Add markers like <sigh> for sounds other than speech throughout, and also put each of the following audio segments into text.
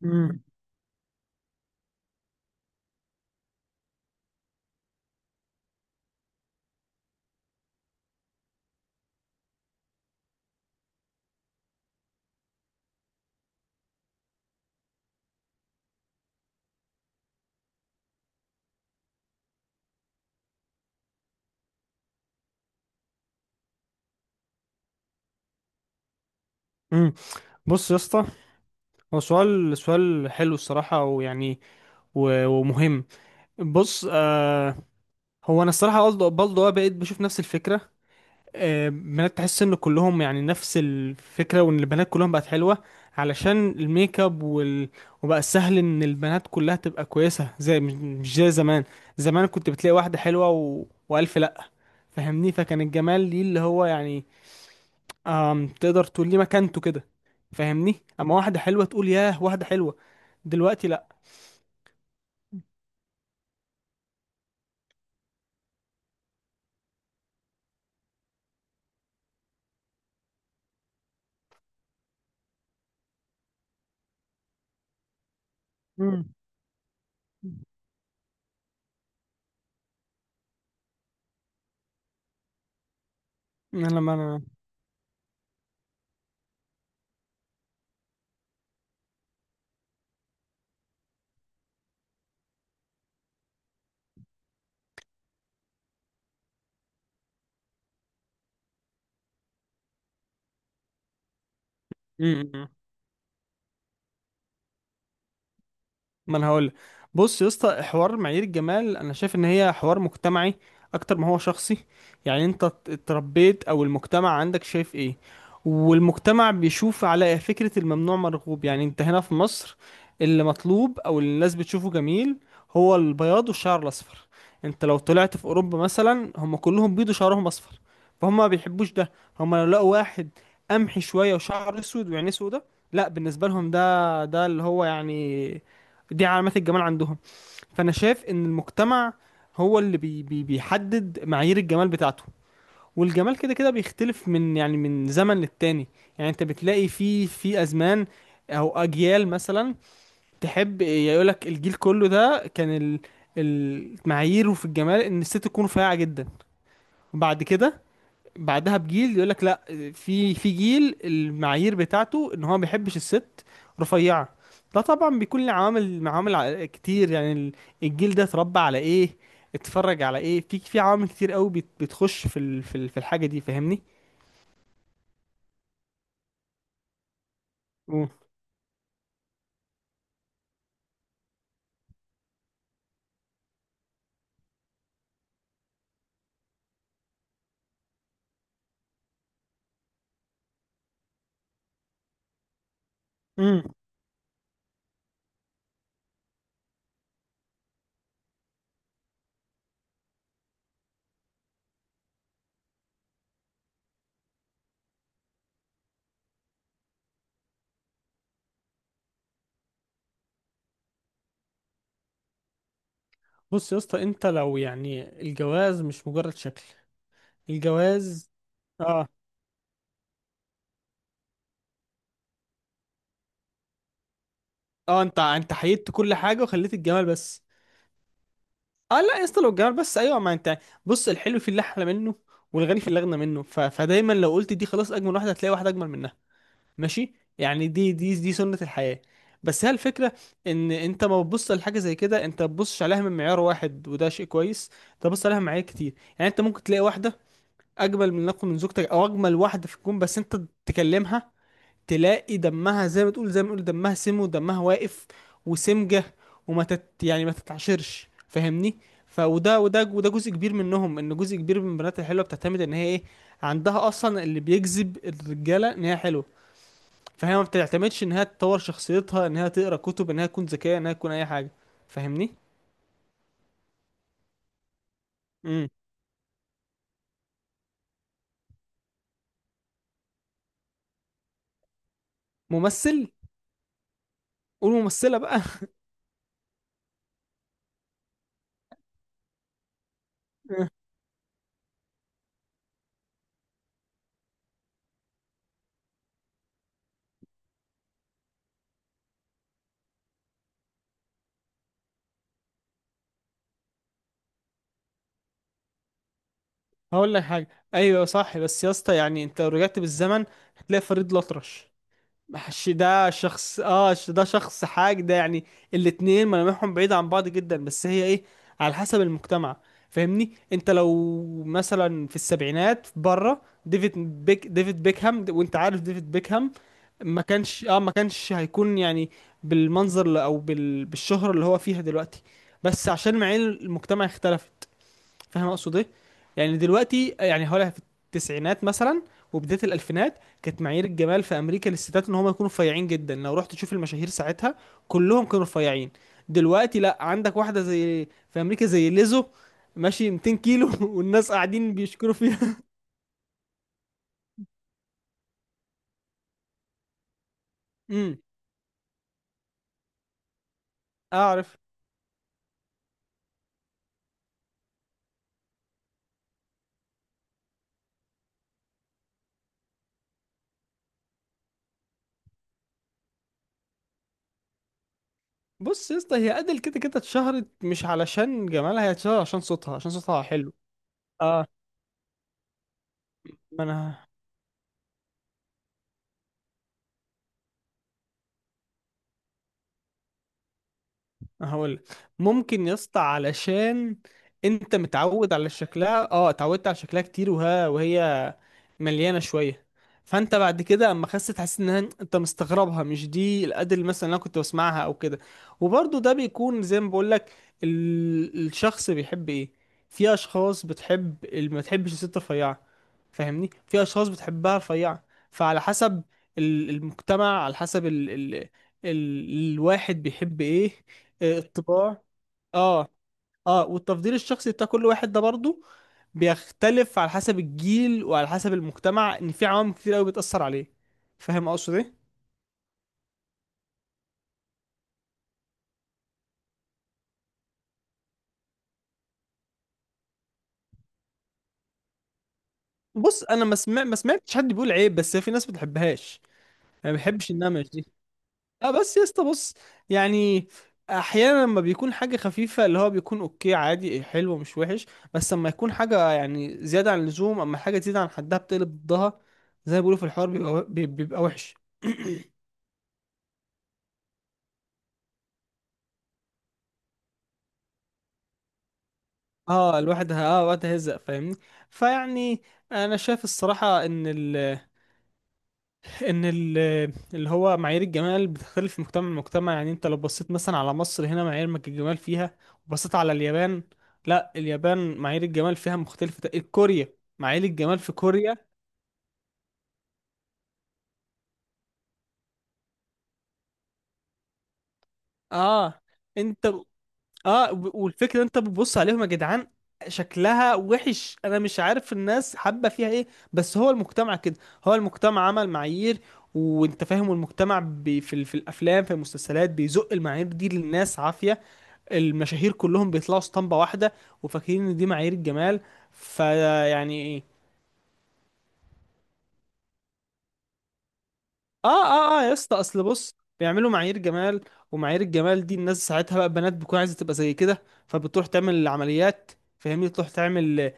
مم. مم. بص يا اسطى، هو سؤال حلو الصراحة ويعني، ومهم. بص، آه، هو انا الصراحه برضه بقيت بشوف نفس الفكره. آه، بنات تحس ان كلهم يعني نفس الفكره، وان البنات كلهم بقت حلوه علشان الميك اب وبقى سهل ان البنات كلها تبقى كويسه، زي مش زي زمان. زمان كنت بتلاقي واحده حلوه والف لا، فاهمني؟ فكان الجمال ليه اللي هو يعني، تقدر تقول لي مكانته كده. فاهمني؟ اما واحده حلوه تقول ياه واحده حلوه، دلوقتي لا. مم. أنا لما انا مم. ما انا هقول، بص يا اسطى، حوار معايير الجمال انا شايف ان هي حوار مجتمعي اكتر ما هو شخصي. يعني انت اتربيت، او المجتمع عندك شايف ايه. والمجتمع بيشوف على فكرة الممنوع مرغوب. يعني انت هنا في مصر، اللي مطلوب او اللي الناس بتشوفه جميل هو البياض والشعر الاصفر. انت لو طلعت في اوروبا مثلا، هم كلهم بيض وشعرهم اصفر، فهم ما بيحبوش ده. هم لو لقوا واحد قمحي شوية وشعره اسود وعينيه سودة، لا بالنسبة لهم ده اللي هو يعني، دي علامات الجمال عندهم. فانا شايف ان المجتمع هو اللي بي بي بيحدد معايير الجمال بتاعته. والجمال كده كده بيختلف من يعني من زمن للتاني. يعني انت بتلاقي في ازمان او اجيال مثلا، تحب يقولك الجيل كله ده كان معاييره في الجمال ان الست تكون رفيعة جدا. وبعد كده، بعدها بجيل يقول لك لا، في جيل المعايير بتاعته ان هو ما بيحبش الست رفيعه. ده طبعا بيكون له عوامل كتير. يعني الجيل ده اتربى على ايه، اتفرج على ايه، في عوامل كتير قوي بتخش في الحاجه دي. فاهمني؟ مم. امم، بص يا اسطى، انت لو يعني الجواز مش مجرد شكل، الجواز، اه اه، انت، حيدت كل حاجه وخليت الجمال بس. اه لا يا اسطى، لو الجمال بس ايوه ما انت، بص، الحلو في اللي احلى منه والغني في اللي اغنى منه، فدايما لو قلت دي خلاص اجمل واحده، هتلاقي واحده اجمل منها. ماشي؟ يعني دي سنه الحياه. بس هي الفكره، ان انت ما بتبص لحاجه زي كده، انت ما بتبصش عليها من معيار واحد، وده شيء كويس، انت بتبص عليها من معايير كتير. يعني انت ممكن تلاقي واحده اجمل من نقل من زوجتك، او اجمل واحده في الكون، بس انت تكلمها تلاقي دمها زي ما تقول، زي ما نقول دمها سم ودمها واقف وسمجة، وما تت يعني ما تتعشرش. فاهمني؟ وده جزء كبير منهم، ان جزء كبير من البنات الحلوه بتعتمد ان هي ايه، عندها اصلا اللي بيجذب الرجاله ان هي حلوه. فهي ما بتعتمدش ان هي تطور شخصيتها، ان هي تقرا كتب، ان هي تكون ذكيه، ان هي تكون اي حاجه. فاهمني؟ امم، ممثل، قول ممثله بقى. <laughs> هقول لك حاجه، ايوه صح، بس يا اسطى يعني انت لو رجعت بالزمن هتلاقي فريد الأطرش، مش ده شخص، ده شخص حاج، ده يعني الاتنين ملامحهم بعيدة عن بعض جدا، بس هي ايه، على حسب المجتمع. فاهمني؟ انت لو مثلا في السبعينات بره، ديفيد بيكهام، وانت عارف ديفيد بيكهام، ما كانش، ما كانش هيكون يعني بالمنظر بالشهرة اللي هو فيها دلوقتي، بس عشان معايير المجتمع اختلفت. فاهم اقصد ايه؟ يعني دلوقتي، يعني هقولها في التسعينات مثلا وبدايه الالفينات، كانت معايير الجمال في امريكا للستات ان هم يكونوا رفيعين جدا. لو رحت تشوف المشاهير ساعتها، كلهم كانوا رفيعين. دلوقتي لا، عندك واحده زي في امريكا زي ليزو، ماشي 200 كيلو <laughs> والناس قاعدين بيشكروا فيها. <laughs> امم، اعرف. بص يا اسطى، هي ادل كده كده اتشهرت مش علشان جمالها، هي اتشهرت عشان صوتها، عشان صوتها حلو. اه، ما انا هقول، ممكن يا اسطى علشان انت متعود على شكلها، اه، اتعودت على شكلها كتير، وهي مليانه شويه، فانت بعد كده اما خست حسيت انها، انت مستغربها، مش دي الادل مثلا اللي انا كنت بسمعها او كده. وبرضه ده بيكون زي ما بقول لك، الشخص بيحب ايه. في اشخاص بتحب اللي ما تحبش الست رفيعه، فاهمني؟ في اشخاص بتحبها رفيعه. فعلى حسب المجتمع، على حسب الواحد بيحب ايه. آه، الطباع. اه، اه، والتفضيل الشخصي بتاع كل واحد ده برضه بيختلف على حسب الجيل وعلى حسب المجتمع، ان في عوامل كتير قوي بتأثر عليه. فاهم اقصد ايه؟ بص، انا ما سمعتش حد بيقول عيب، بس في ناس ما بتحبهاش. انا ما بحبش النمش دي. اه، بس يا اسطى بص، يعني احيانا لما بيكون حاجه خفيفه، اللي هو بيكون اوكي عادي، إيه حلو مش وحش، بس لما يكون حاجه يعني زياده عن اللزوم، اما حاجه تزيد عن حدها بتقلب ضدها، زي ما بيقولوا في الحوار، بيبقى وحش. اه، الواحد وقتها هيزق، فاهمني؟ فيعني انا شايف الصراحه ان ان ال- اللي هو معايير الجمال بتختلف من مجتمع لمجتمع. يعني انت لو بصيت مثلا على مصر، هنا معايير الجمال فيها، وبصيت على اليابان، لا اليابان معايير الجمال فيها مختلفة، كوريا معايير الجمال في كوريا. اه، انت، والفكرة انت بتبص عليهم يا جدعان شكلها وحش، انا مش عارف الناس حابة فيها ايه. بس هو المجتمع كده، هو المجتمع عمل معايير، وانت فاهم المجتمع في الافلام في المسلسلات بيزق المعايير دي للناس عافية. المشاهير كلهم بيطلعوا اسطمبة واحدة وفاكرين ان دي معايير الجمال. فيعني ايه، اه يا اسطى، اصل بص بيعملوا معايير جمال، ومعايير الجمال دي الناس ساعتها بقى بنات بتكون عايزة تبقى زي كده، فبتروح تعمل عمليات. فاهمني؟ تروح تعمل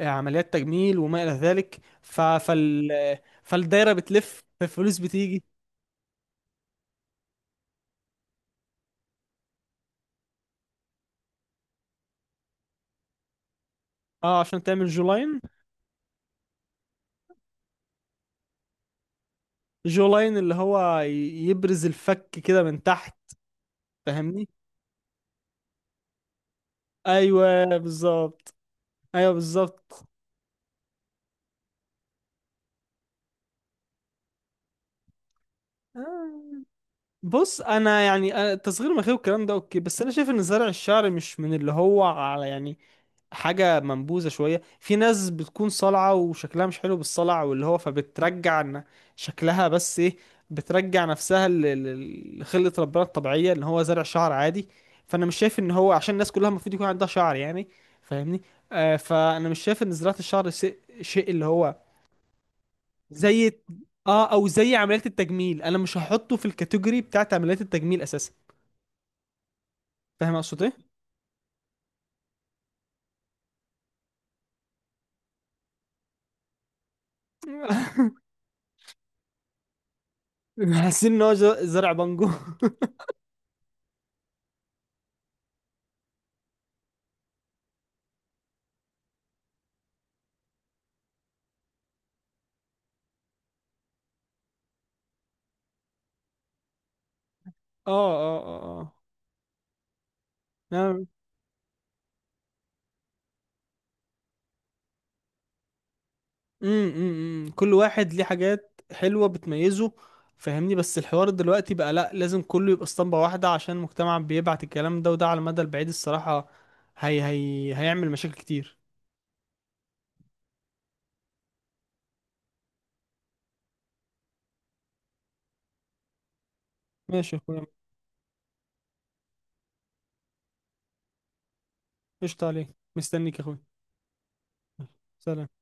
آه، عمليات تجميل وما إلى ذلك. آه، فالدايرة بتلف، فالفلوس بتيجي. اه عشان تعمل جولاين. جولاين اللي هو يبرز الفك كده من تحت. فاهمني؟ ايوه بالظبط. ايوه بالظبط. بص انا يعني، أنا تصغير المناخير والكلام ده اوكي، بس انا شايف ان زرع الشعر مش من اللي هو على يعني حاجه منبوذه شويه. في ناس بتكون صلعه وشكلها مش حلو بالصلع، واللي هو فبترجع إن شكلها بس ايه، بترجع نفسها لخلقه ربنا الطبيعيه، اللي هو زرع شعر عادي. فانا مش شايف ان هو عشان الناس كلها المفروض يكون عندها شعر يعني. فاهمني؟ آه، فانا مش شايف ان زراعه الشعر شيء اللي هو زي، اه، او زي عمليات التجميل، انا مش هحطه في الكاتيجوري بتاعت عمليات التجميل اساسا. فاهم اقصد ايه؟ <laughs> حاسين ان هو زرع بانجو. <laughs> اه، اه، اه، اه. نعم. أمم، أمم، أمم. كل واحد ليه حاجات حلوة بتميزه. فاهمني؟ بس الحوار دلوقتي بقى لا، لازم كله يبقى اسطمبة واحدة عشان المجتمع بيبعت الكلام ده، وده على المدى البعيد الصراحة هي هيعمل مشاكل كتير. ماشي يا اخويا، قشطة عليك، مستنيك يا اخويا. سلام.